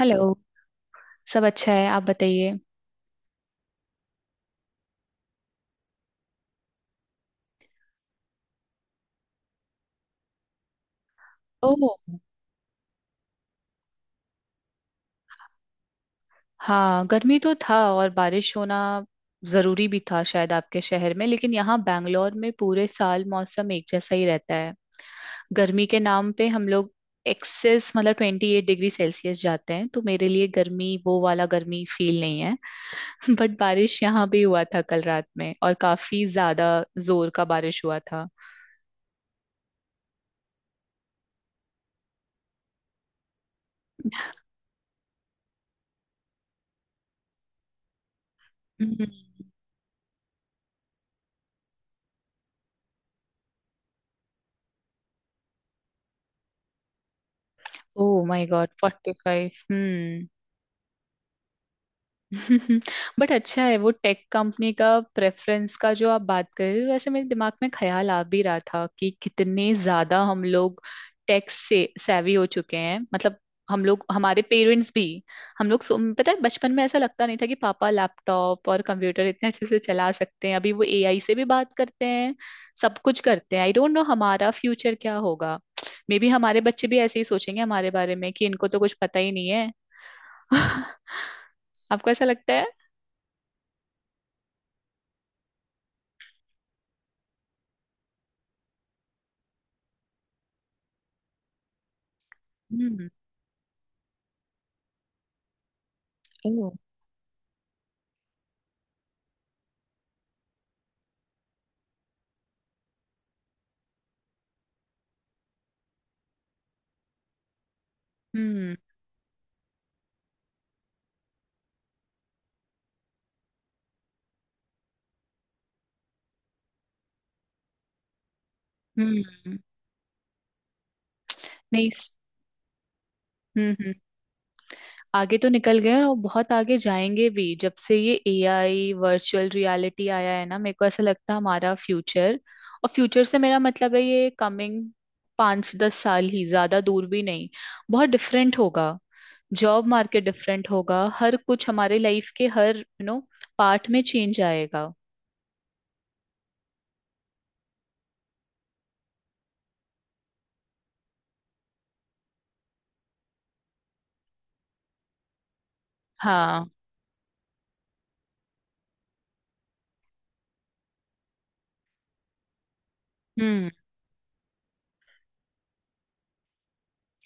Hello. सब अच्छा है, आप बताइए। ओह। हाँ, गर्मी तो था और बारिश होना जरूरी भी था शायद आपके शहर में, लेकिन यहाँ बैंगलोर में पूरे साल मौसम एक जैसा ही रहता है। गर्मी के नाम पे हम लोग एक्सेस मतलब 28 डिग्री सेल्सियस जाते हैं, तो मेरे लिए गर्मी वो वाला गर्मी फील नहीं है। बट बारिश यहाँ भी हुआ था कल रात में, और काफी ज्यादा जोर का बारिश हुआ था। Oh my God, 45। Hmm. But अच्छा है वो टेक कंपनी का प्रेफरेंस का जो आप बात कर रहे हो। वैसे मेरे दिमाग में ख्याल आ भी रहा था कि कितने ज्यादा हम लोग टेक से savvy हो चुके हैं। मतलब हम लोग, हमारे पेरेंट्स भी। हम लोग पता है बचपन में ऐसा लगता नहीं था कि पापा लैपटॉप और कंप्यूटर इतने अच्छे से चला सकते हैं। अभी वो एआई से भी बात करते हैं। सब कुछ करते हैं। आई डोंट नो हमारा फ्यूचर क्या होगा। मे बी हमारे बच्चे भी ऐसे ही सोचेंगे हमारे बारे में कि इनको तो कुछ पता ही नहीं है। आपको ऐसा लगता है? ओ। हम्म हम्म। नहीं, हम्म। आगे तो निकल गए हैं और बहुत आगे जाएंगे भी। जब से ये एआई वर्चुअल रियलिटी आया है ना, मेरे को ऐसा लगता है हमारा फ्यूचर, और फ्यूचर से मेरा मतलब है ये कमिंग पाँच दस साल ही, ज्यादा दूर भी नहीं, बहुत डिफरेंट होगा। जॉब मार्केट डिफरेंट होगा। हर कुछ हमारे लाइफ के हर यू नो पार्ट में चेंज आएगा। हाँ। हम्म।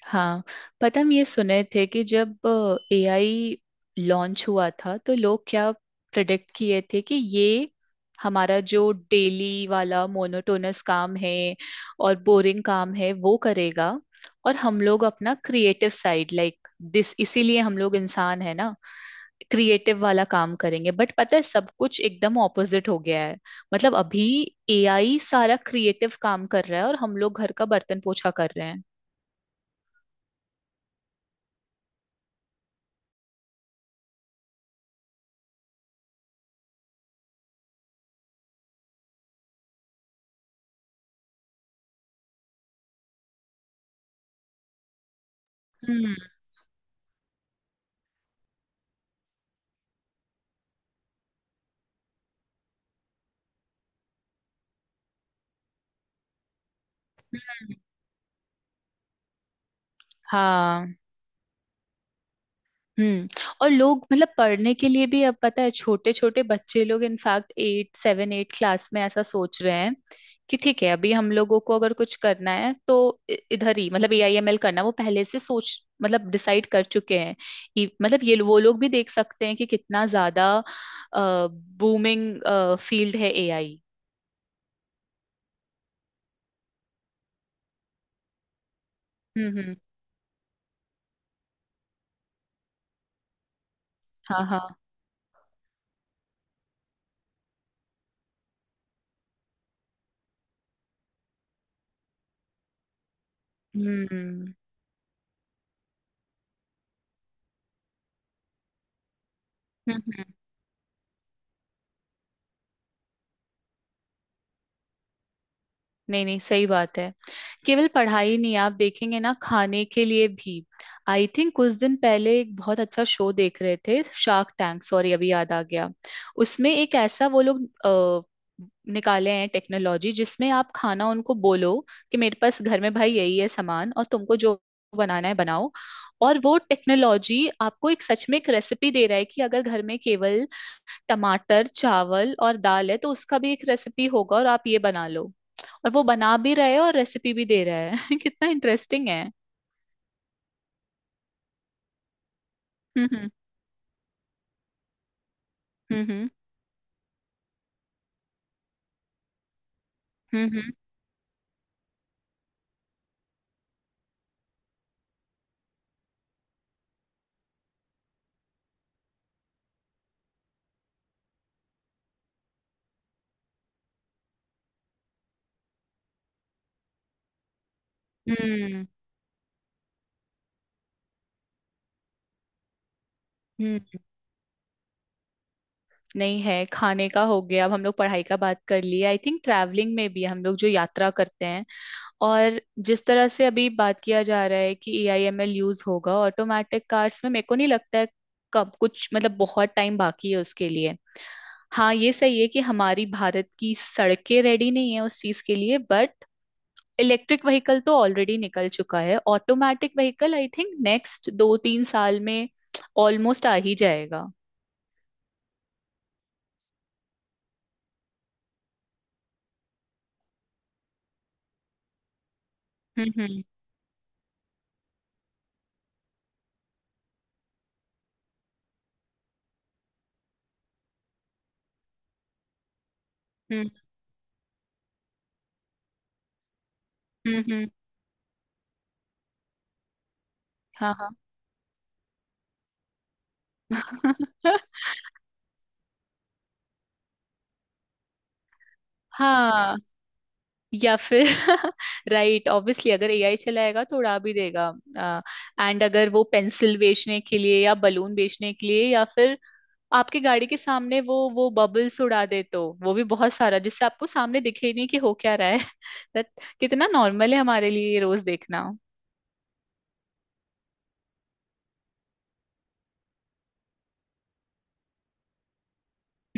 हाँ, पता हम ये सुने थे कि जब एआई लॉन्च हुआ था, तो लोग क्या प्रेडिक्ट किए थे कि ये हमारा जो डेली वाला मोनोटोनस काम है और बोरिंग काम है वो करेगा, और हम लोग अपना क्रिएटिव साइड, लाइक दिस, इसीलिए हम लोग इंसान है ना, क्रिएटिव वाला काम करेंगे। बट पता है सब कुछ एकदम ऑपोजिट हो गया है। मतलब अभी एआई सारा क्रिएटिव काम कर रहा है, और हम लोग घर का बर्तन पोछा कर रहे हैं। हाँ। हम्म। और लोग मतलब पढ़ने के लिए भी, अब पता है छोटे छोटे बच्चे लोग, in fact eight seven eight class में ऐसा सोच रहे हैं कि ठीक है अभी हम लोगों को अगर कुछ करना है तो इधर ही, मतलब AI ML करना वो पहले से सोच मतलब डिसाइड कर चुके हैं। मतलब ये वो लोग भी देख सकते हैं कि कितना ज्यादा बूमिंग फील्ड है ए आई। हम्म। हाँ हाँ। हम्म। हम्म। नहीं नहीं, सही बात है। केवल पढ़ाई नहीं, आप देखेंगे ना, खाने के लिए भी। आई थिंक कुछ दिन पहले एक बहुत अच्छा शो देख रहे थे, शार्क टैंक, सॉरी अभी याद आ गया। उसमें एक ऐसा वो लोग निकाले हैं टेक्नोलॉजी जिसमें आप खाना उनको बोलो कि मेरे पास घर में भाई यही है सामान, और तुमको जो बनाना है बनाओ। और वो टेक्नोलॉजी आपको एक सच में एक रेसिपी दे रहा है कि अगर घर में केवल टमाटर, चावल और दाल है तो उसका भी एक रेसिपी होगा और आप ये बना लो। और वो बना भी रहे और रेसिपी भी दे रहा है। कितना इंटरेस्टिंग है। हम्म हम्म। हम्म। हम्म। हम्म। नहीं है, खाने का हो गया, अब हम लोग पढ़ाई का बात कर ली। आई थिंक ट्रैवलिंग में भी, हम लोग जो यात्रा करते हैं और जिस तरह से अभी बात किया जा रहा है कि AI ML यूज होगा ऑटोमेटिक कार्स में, मेरे को नहीं लगता है कब कुछ, मतलब बहुत टाइम बाकी है उसके लिए। हाँ ये सही है कि हमारी भारत की सड़कें रेडी नहीं है उस चीज के लिए, बट इलेक्ट्रिक व्हीकल तो ऑलरेडी निकल चुका है, automatic vehicle I think next दो तीन साल में ऑलमोस्ट आ ही जाएगा। हम्म। हम्म हम्म। हम्म। हाँ हाँ। हाँ। या फिर राइट, ऑब्वियसली अगर एआई चलाएगा तो उड़ा भी देगा। एंड अगर वो पेंसिल बेचने के लिए या बलून बेचने के लिए या फिर आपकी गाड़ी के सामने वो बबल्स उड़ा दे, तो वो भी बहुत सारा जिससे आपको सामने दिखे ही नहीं कि हो क्या रहा है। दैट, कितना नॉर्मल है हमारे लिए ये रोज देखना।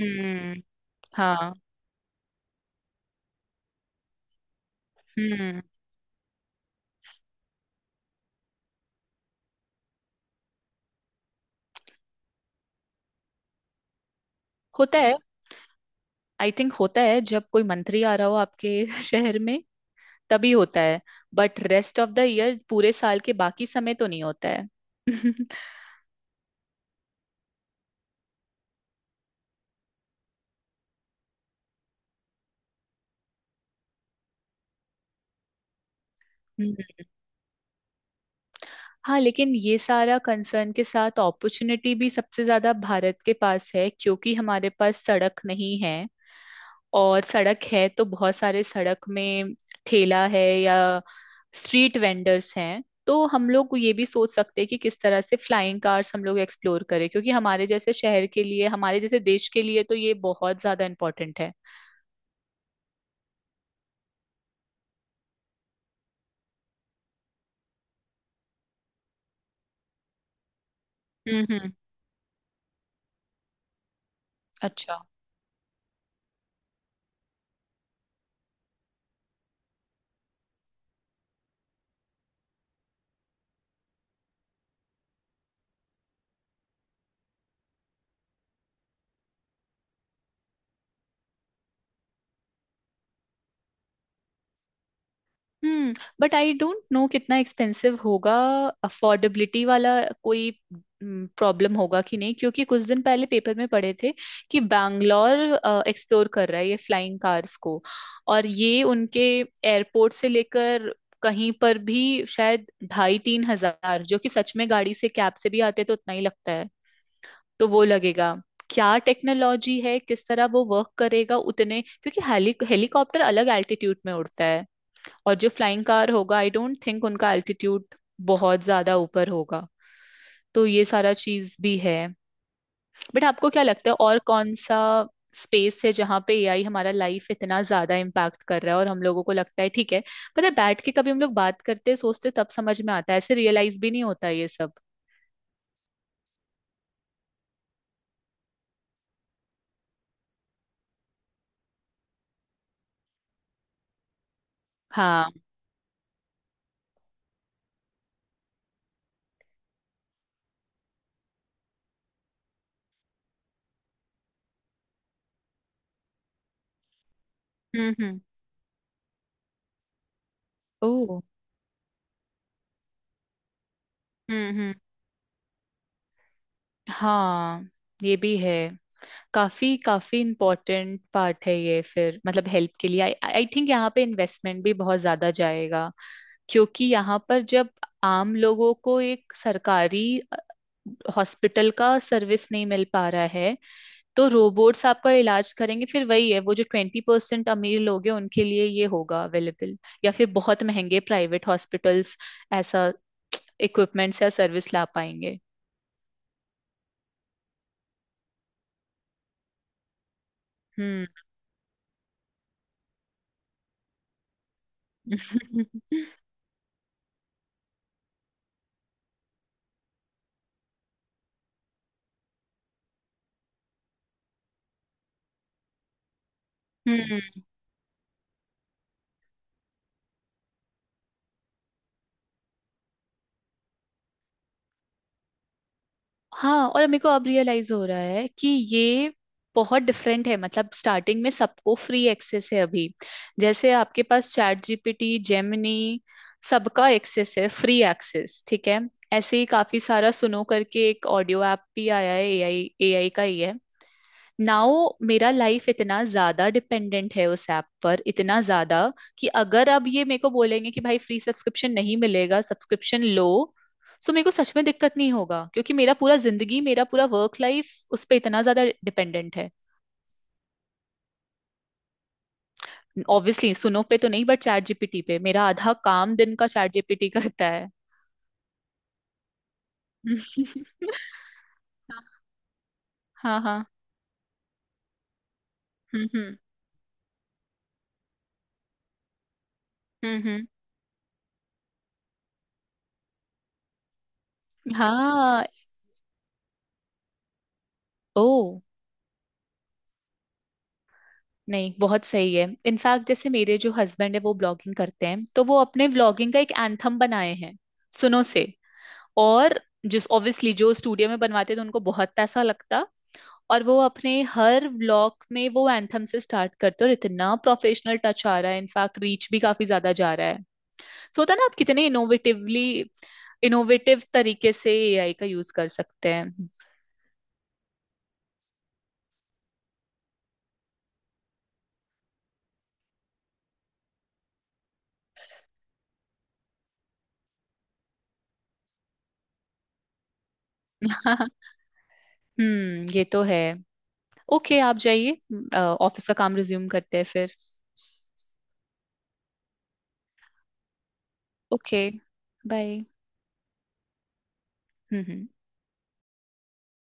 हम्म। हाँ। हम्म। होता है। आई थिंक होता है जब कोई मंत्री आ रहा हो आपके शहर में तभी होता है। But rest of the year पूरे साल के बाकी समय तो नहीं होता है। हम्म। हाँ, लेकिन ये सारा कंसर्न के साथ अपॉर्चुनिटी भी सबसे ज्यादा भारत के पास है, क्योंकि हमारे पास सड़क नहीं है, और सड़क है तो बहुत सारे सड़क में ठेला है या स्ट्रीट वेंडर्स हैं। तो हम लोग ये भी सोच सकते हैं कि किस तरह से फ्लाइंग कार्स हम लोग एक्सप्लोर करें, क्योंकि हमारे जैसे शहर के लिए, हमारे जैसे देश के लिए तो ये बहुत ज्यादा इम्पोर्टेंट है। हम्म। अच्छा। हम्म। बट आई डोंट नो कितना एक्सपेंसिव होगा, अफोर्डेबिलिटी वाला कोई प्रॉब्लम होगा कि नहीं, क्योंकि कुछ दिन पहले पेपर में पढ़े थे कि बैंगलोर एक्सप्लोर कर रहा है ये फ्लाइंग कार्स को, और ये उनके एयरपोर्ट से लेकर कहीं पर भी शायद ढाई तीन हजार, जो कि सच में गाड़ी से कैब से भी आते तो उतना ही लगता है, तो वो लगेगा। क्या टेक्नोलॉजी है, किस तरह वो वर्क करेगा उतने, क्योंकि हेलीकॉप्टर अलग एल्टीट्यूड में उड़ता है, और जो फ्लाइंग कार होगा आई डोंट थिंक उनका एल्टीट्यूड बहुत ज्यादा ऊपर होगा। तो ये सारा चीज भी है। बट आपको क्या लगता है और कौन सा स्पेस है जहाँ पे एआई हमारा लाइफ इतना ज्यादा इम्पैक्ट कर रहा है और हम लोगों को लगता है ठीक है? पता है बैठ के कभी हम लोग बात करते सोचते तब समझ में आता है, ऐसे रियलाइज भी नहीं होता ये सब। हाँ। हम्म। ओ। हम्म। हाँ ये भी है। काफी काफी इम्पोर्टेंट पार्ट है ये, फिर मतलब हेल्प के लिए आई थिंक यहाँ पे इन्वेस्टमेंट भी बहुत ज्यादा जाएगा। क्योंकि यहाँ पर जब आम लोगों को एक सरकारी हॉस्पिटल का सर्विस नहीं मिल पा रहा है, तो रोबोट्स आपका इलाज करेंगे। फिर वही है, वो जो 20% अमीर लोग हैं उनके लिए ये होगा अवेलेबल, या फिर बहुत महंगे प्राइवेट हॉस्पिटल्स ऐसा इक्विपमेंट्स या सर्विस ला पाएंगे। हम्म। हाँ, और मेरे को अब रियलाइज हो रहा है कि ये बहुत डिफरेंट है। मतलब स्टार्टिंग में सबको फ्री एक्सेस है अभी। जैसे आपके पास चैट जीपीटी, जेमिनी, सबका एक्सेस है, फ्री एक्सेस, ठीक है। ऐसे ही काफी सारा सुनो करके एक ऑडियो ऐप भी आया है एआई, एआई का ही है। नाउ मेरा लाइफ इतना ज्यादा डिपेंडेंट है उस ऐप पर, इतना ज्यादा कि अगर अब ये मेरे को बोलेंगे कि भाई फ्री सब्सक्रिप्शन नहीं मिलेगा, सब्सक्रिप्शन लो, सो मेरे को सच में दिक्कत नहीं होगा, क्योंकि मेरा पूरा जिंदगी, मेरा पूरा वर्क लाइफ उस पे इतना ज्यादा डिपेंडेंट है। ऑब्वियसली सुनो पे तो नहीं, बट चैट जीपीटी पे मेरा आधा काम दिन का चैट जीपीटी करता है। हाँ हाँ। हाँ। हम्म। हम्म। हाँ। ओ। नहीं, बहुत सही है। इनफैक्ट जैसे मेरे जो हस्बैंड है वो ब्लॉगिंग करते हैं, तो वो अपने ब्लॉगिंग का एक एंथम बनाए हैं सुनो से। और जिस ऑब्वियसली जो स्टूडियो में बनवाते थे उनको बहुत पैसा लगता, और वो अपने हर व्लॉग में वो एंथम से स्टार्ट करते, और इतना प्रोफेशनल टच आ रहा है, इनफैक्ट रीच भी काफी ज्यादा जा रहा है। सो होता है ना, आप कितने इनोवेटिवली, इनोवेटिव तरीके से एआई का यूज कर सकते हैं। हम्म, ये तो है। ओके, आप जाइए, ऑफिस का काम रिज्यूम करते हैं फिर। Okay, bye. हम्म।